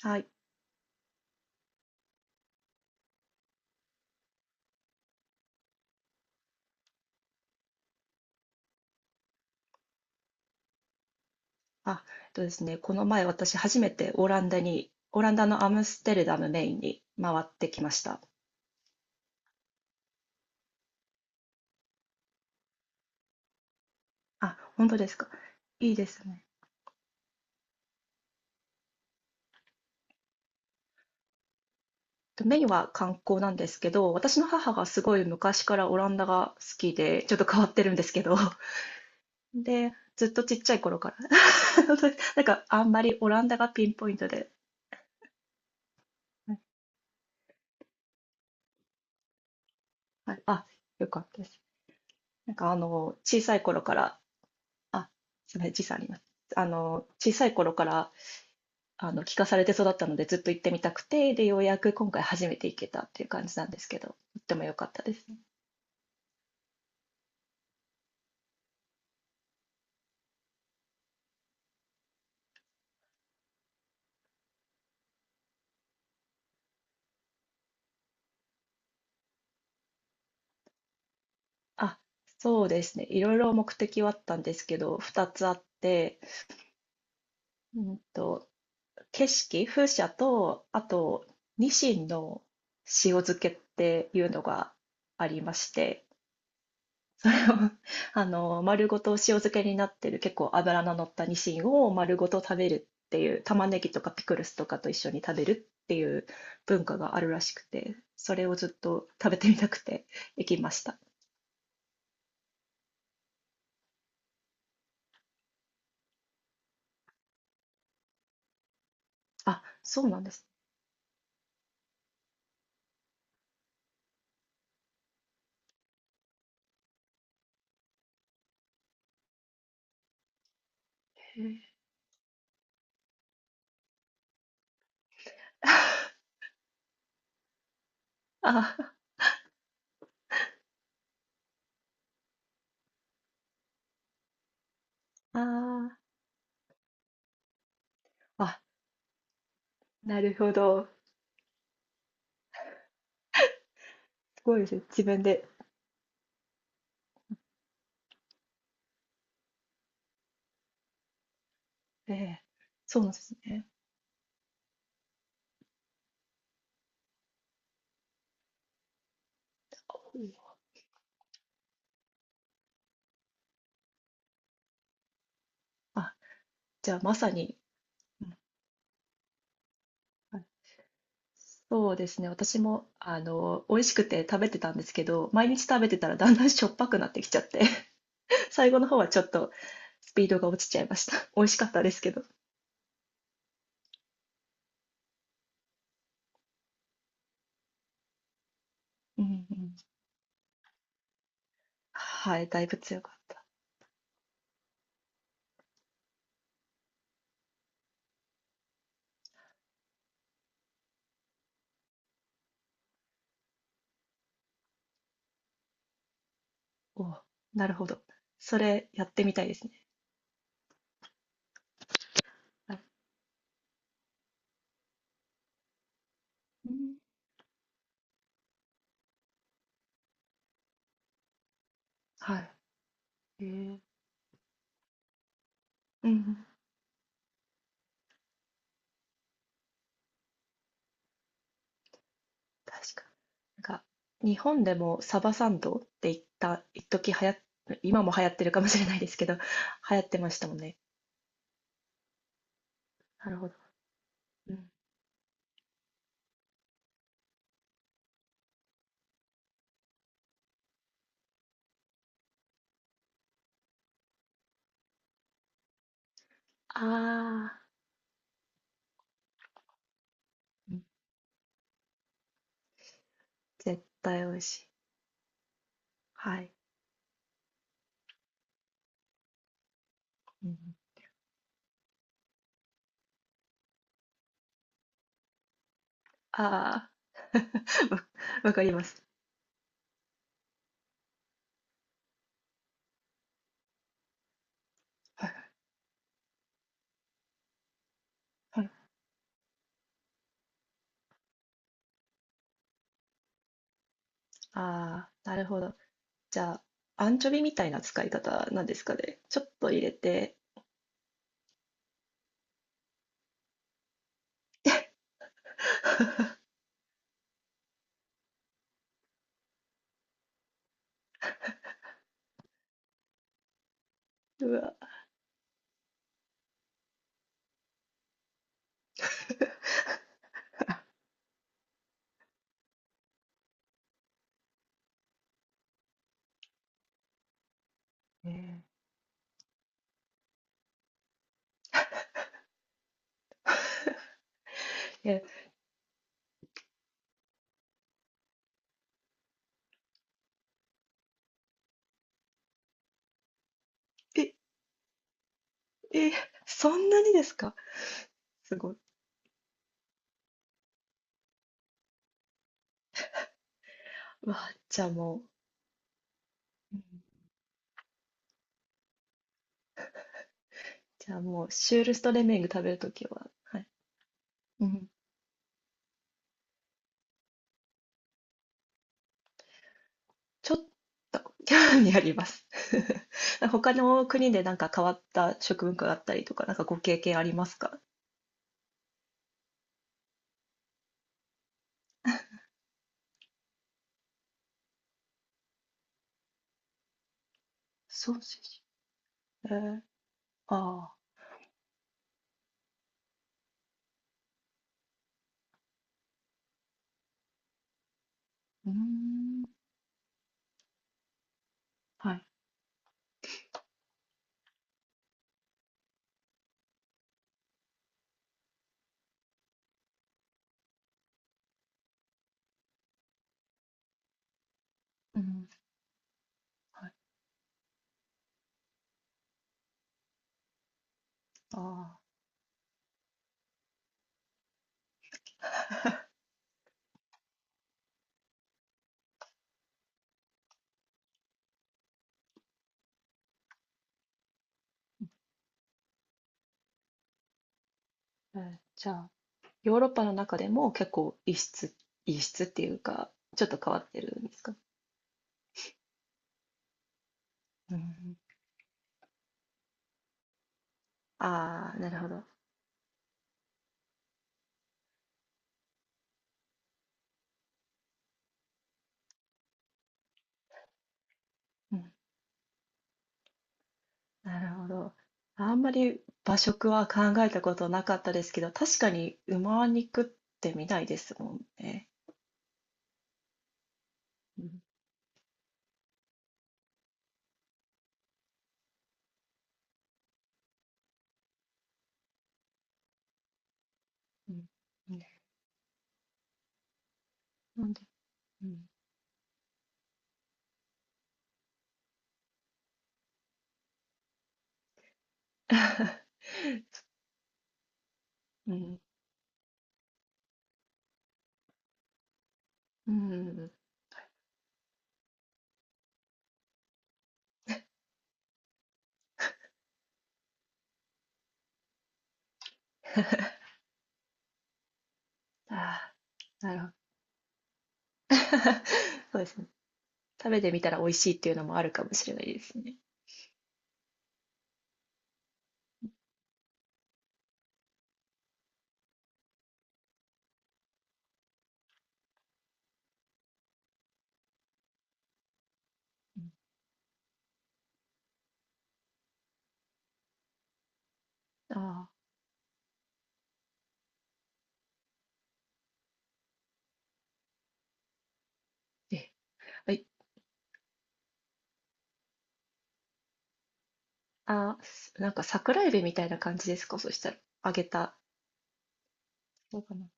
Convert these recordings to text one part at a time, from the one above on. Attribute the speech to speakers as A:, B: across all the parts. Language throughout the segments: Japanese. A: はい。あ、えっとですね、この前私初めてオランダのアムステルダムメインに回ってきました。あ、本当ですか。いいですね。メインは観光なんですけど、私の母がすごい昔からオランダが好きで、ちょっと変わってるんですけど、で、ずっとちっちゃい頃から。なんかあんまりオランダがピンポイントで、はい。はい、あ、よかったです。なんか小さい頃から、あ、すみません、時差あります。小さい頃から聞かされて育ったので、ずっと行ってみたくて、で、ようやく今回初めて行けたっていう感じなんですけど、とっても良かったですね。あ、そうですね。いろいろ目的はあったんですけど、2つあって、うんと、景色、風車と、あと、ニシンの塩漬けっていうのがありまして、それを 丸ごと塩漬けになってる結構脂の乗ったニシンを丸ごと食べるっていう、玉ねぎとかピクルスとかと一緒に食べるっていう文化があるらしくて、それをずっと食べてみたくて 行きました。あ、そうなんですね。へえ。ああー。あ、なるほど。すごいですね、自分で。ええ。そうなんですね。あ、じゃあまさに。うん。そうですね。私も、美味しくて食べてたんですけど、毎日食べてたらだんだんしょっぱくなってきちゃって、最後の方はちょっとスピードが落ちちゃいました。美味しかったですけど。うんうん。はい、だいぶ強かった。おう、なるほど。それやってみたいですね。はい。うん、はい。へえ。うんうん、確かに。なんか、日本でもサバサンドって言った、一時流行っ、今も流行ってるかもしれないですけど、流行ってましたもんね。なるほど。うん。ああ。絶対美味しい。はい。うん。ああ。わわかります。はいはい。ああ、なるほど。じゃあ、アンチョビみたいな使い方なんですかね。ちょっと入れて。うわ。ねえ。え、え、そんなにですか？すごい。うわ。じゃあもう、うん。じゃあもう、シュールストレメング食べるときは、はい。うん、ちょっと興味あります。他の国でなんか変わった食文化があったりとか、なんかご経験ありますか？ソーセージ。えー、ああ、うーん、はい、うん、はい、ああ、えー、じゃあ、ヨーロッパの中でも結構異質、異質っていうか、ちょっと変わってるんですか？うん、ああ、なるほど。うん、なるほど。あんまり和食は考えたことなかったですけど、確かに馬肉って見ないですもんね。うん、うん、なんで、うん。うん、うん。ああ、なるほど。そうですね。食べてみたら美味しいっていうのもあるかもしれないですね。ああー。え、はい。あーすなんか桜えびみたいな感じですか、そしたら？揚げた。そうかな。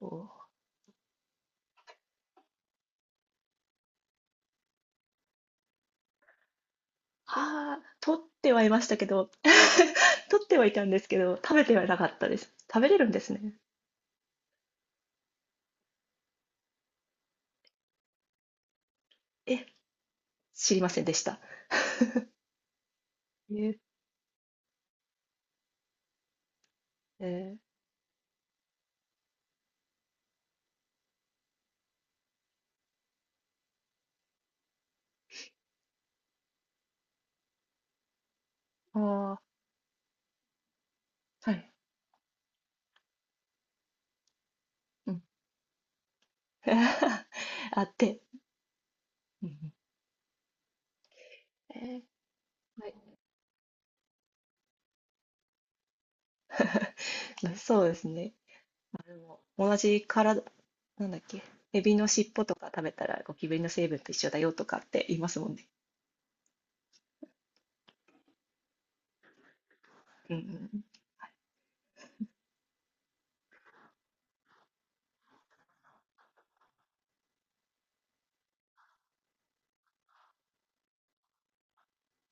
A: おー。ああ、取ってはいましたけど、取ってはいたんですけど、食べてはなかったです。食べれるんですね。え、知りませんでした。ええー、ああ、はい。うん。あって、うんうん、えー、はい。まあそうですね。まあ、でも、同じ体、なんだっけ、エビの尻尾とか食べたらゴキブリの成分と一緒だよとかって言いますもんね。うんうん